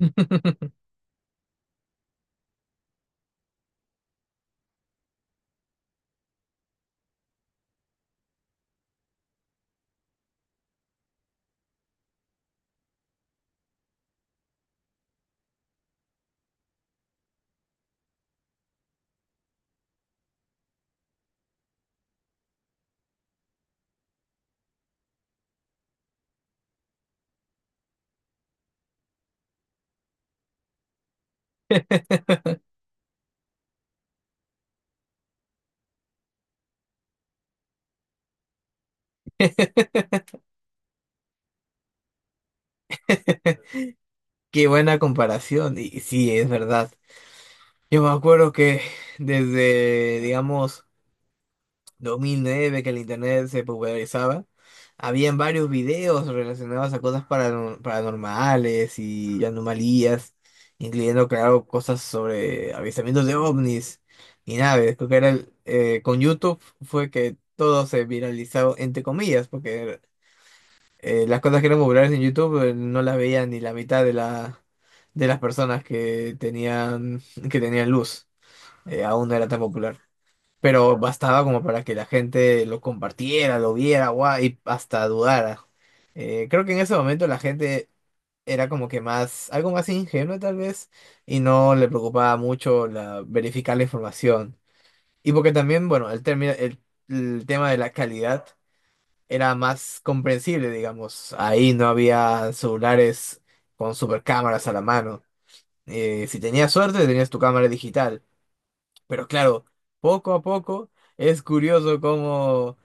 Qué buena comparación, y sí, es verdad. Yo me acuerdo que desde, digamos, 2009 que el internet se popularizaba, habían varios videos relacionados a cosas paranormales y anomalías, incluyendo, claro, cosas sobre avistamientos de ovnis y naves. Creo que era con YouTube fue que todo se viralizó, entre comillas, porque las cosas que eran populares en YouTube no las veían ni la mitad de de las personas que que tenían luz. Aún no era tan popular. Pero bastaba como para que la gente lo compartiera, lo viera, guau, y hasta dudara. Creo que en ese momento la gente era como que más, algo más ingenua tal vez, y no le preocupaba mucho verificar la información. Y porque también, bueno, el tema de la calidad era más comprensible, digamos. Ahí no había celulares con supercámaras a la mano. Si tenías suerte, tenías tu cámara digital. Pero claro, poco a poco es curioso cómo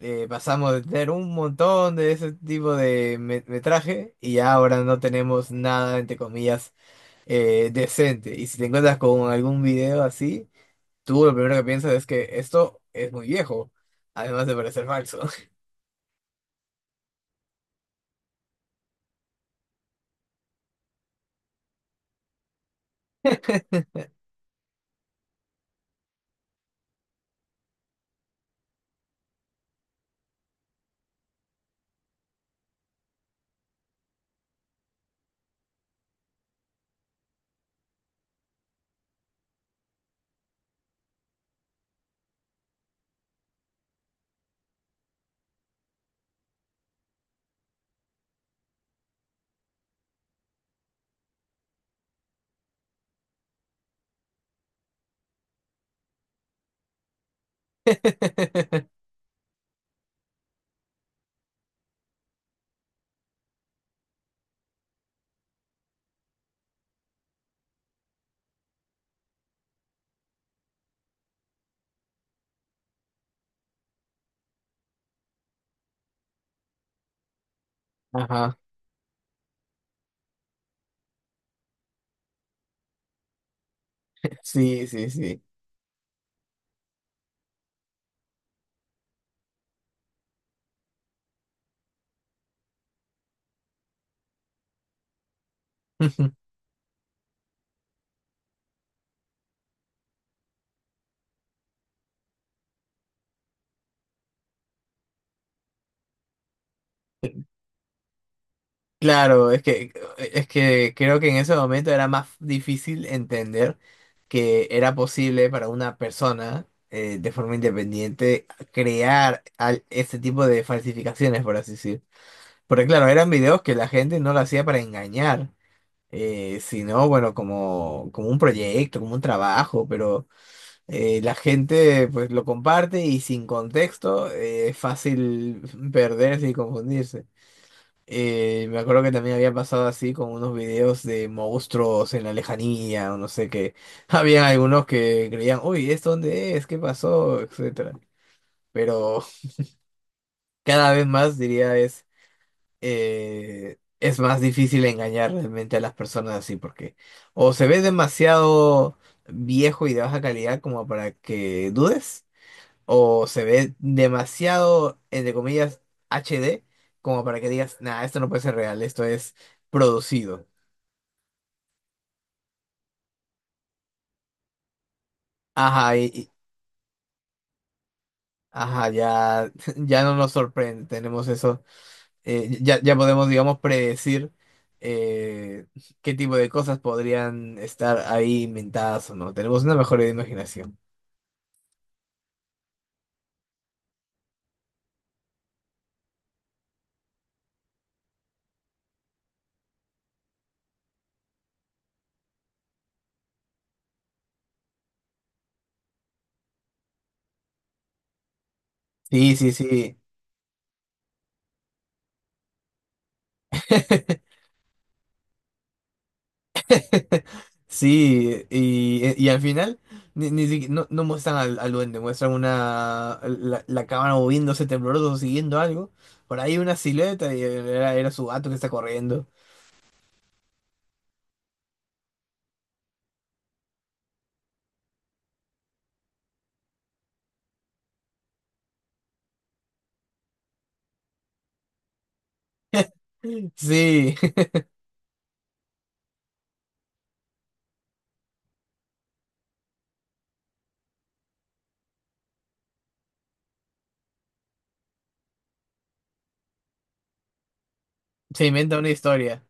pasamos de tener un montón de ese tipo de metraje y ya ahora no tenemos nada, entre comillas, decente. Y si te encuentras con algún video así, tú lo primero que piensas es que esto es muy viejo, además de parecer falso. Ajá. Sí, sí, sí. Claro, es que creo que en ese momento era más difícil entender que era posible para una persona de forma independiente crear este tipo de falsificaciones, por así decir. Porque claro, eran videos que la gente no lo hacía para engañar, sino bueno, como un proyecto, como un trabajo, pero la gente pues lo comparte y sin contexto es fácil perderse y confundirse. Me acuerdo que también había pasado así con unos videos de monstruos en la lejanía, o no sé qué. Había algunos que creían, uy, ¿esto dónde es? ¿Qué pasó? Etcétera. Pero cada vez más diría es más difícil engañar realmente a las personas así, porque o se ve demasiado viejo y de baja calidad como para que dudes, o se ve demasiado, entre comillas, HD como para que digas, nah, esto no puede ser real, esto es producido. Ajá, ajá, ya. Ya no nos sorprende, tenemos eso, ya podemos, digamos, predecir eh, qué tipo de cosas podrían estar ahí inventadas o no. Tenemos una mejor imaginación. Sí, sí, sí. Sí, y al final ni, ni siqui- no, no muestran al duende, muestran la cámara moviéndose tembloroso, siguiendo algo. Por ahí una silueta y era su gato que está corriendo. Sí. Se inventa una historia.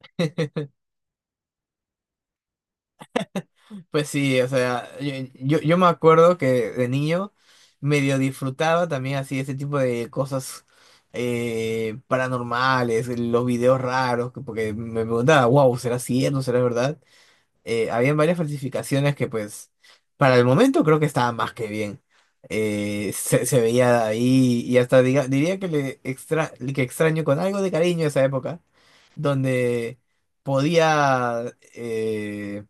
Pues sí, o sea, yo me acuerdo que de niño medio disfrutaba también así ese tipo de cosas paranormales, los videos raros, porque me preguntaba, wow, ¿será cierto? ¿Será verdad? Habían varias falsificaciones que pues para el momento creo que estaban más que bien. Se veía ahí y hasta diría que que extraño con algo de cariño esa época, donde podía, eh,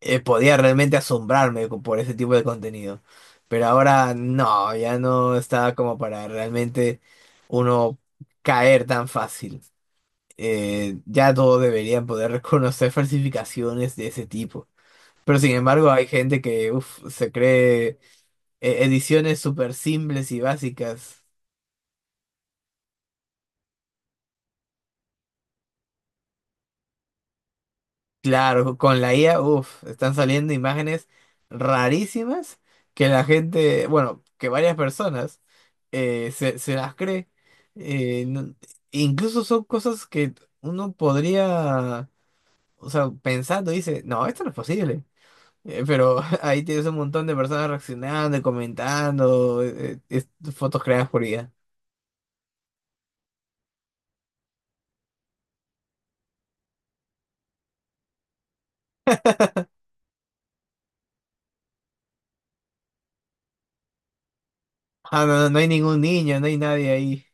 podía realmente asombrarme por ese tipo de contenido. Pero ahora no, ya no está como para realmente uno caer tan fácil. Ya todos deberían poder reconocer falsificaciones de ese tipo. Pero sin embargo hay gente que uf, se cree ediciones súper simples y básicas. Claro, con la IA, uf, están saliendo imágenes rarísimas que la gente, bueno, que varias personas se las cree. Eh, no- Incluso son cosas que uno podría, o sea, pensando, dice, no, esto no es posible. Pero ahí tienes un montón de personas reaccionando, y comentando, fotos creadas por IA. Ah, no, no, no hay ningún niño, no hay nadie ahí.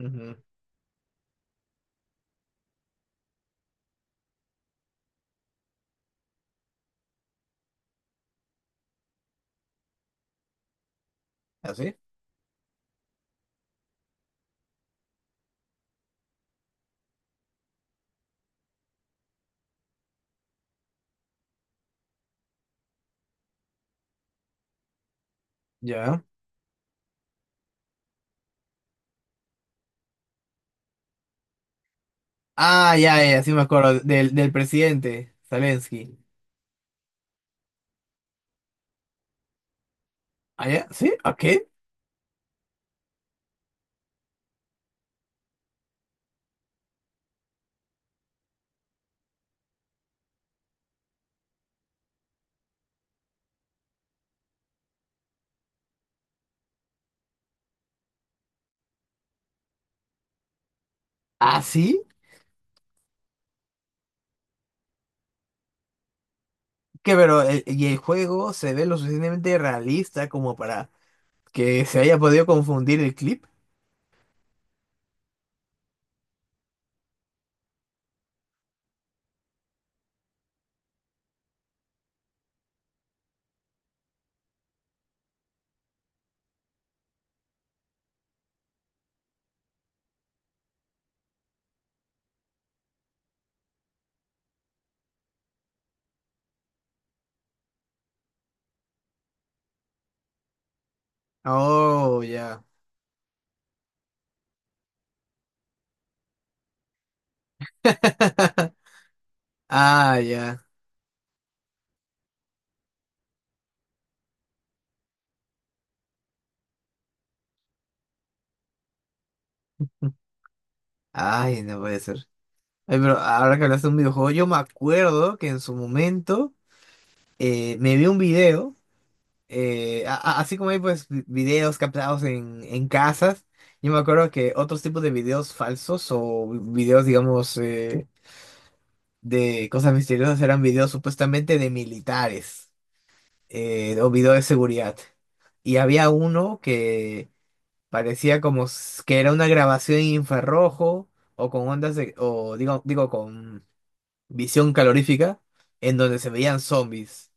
Ujú. ¿Así? Ya. Ah, ya, ya, sí me acuerdo. Del presidente, Zelensky. ¿Ah, ya? ¿Sí? ¿A qué? ¿Ah, sí? ¿Qué, pero y el juego se ve lo suficientemente realista como para que se haya podido confundir el clip? Oh, ya. Ah, ya. Ay, no puede ser. Ay, pero ahora que hablaste de un videojuego, yo me acuerdo que en su momento me vi un video. Así como hay pues videos captados en casas, yo me acuerdo que otros tipos de videos falsos o videos, digamos, de cosas misteriosas eran videos supuestamente de militares o videos de seguridad. Y había uno que parecía como que era una grabación en infrarrojo o con ondas de, o digo, digo, con visión calorífica, en donde se veían zombies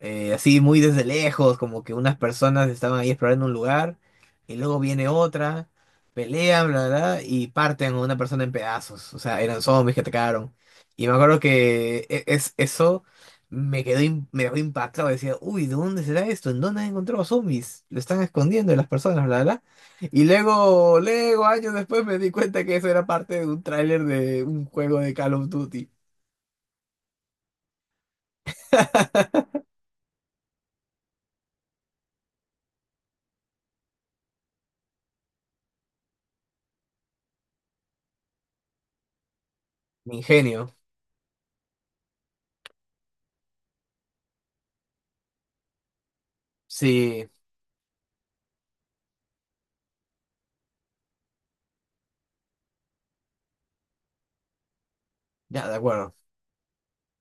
así muy desde lejos, como que unas personas estaban ahí explorando un lugar y luego viene otra, pelean, bla, bla, bla, y parten a una persona en pedazos. O sea, eran zombies que atacaron. Y me acuerdo que eso me dejó impactado. Decía, uy, ¿de dónde será esto? ¿En dónde han encontrado zombies? Lo están escondiendo de las personas, bla, bla, bla. Y luego, años después me di cuenta que eso era parte de un tráiler de un juego de Call of Duty. Mi ingenio. Sí, ya, de acuerdo.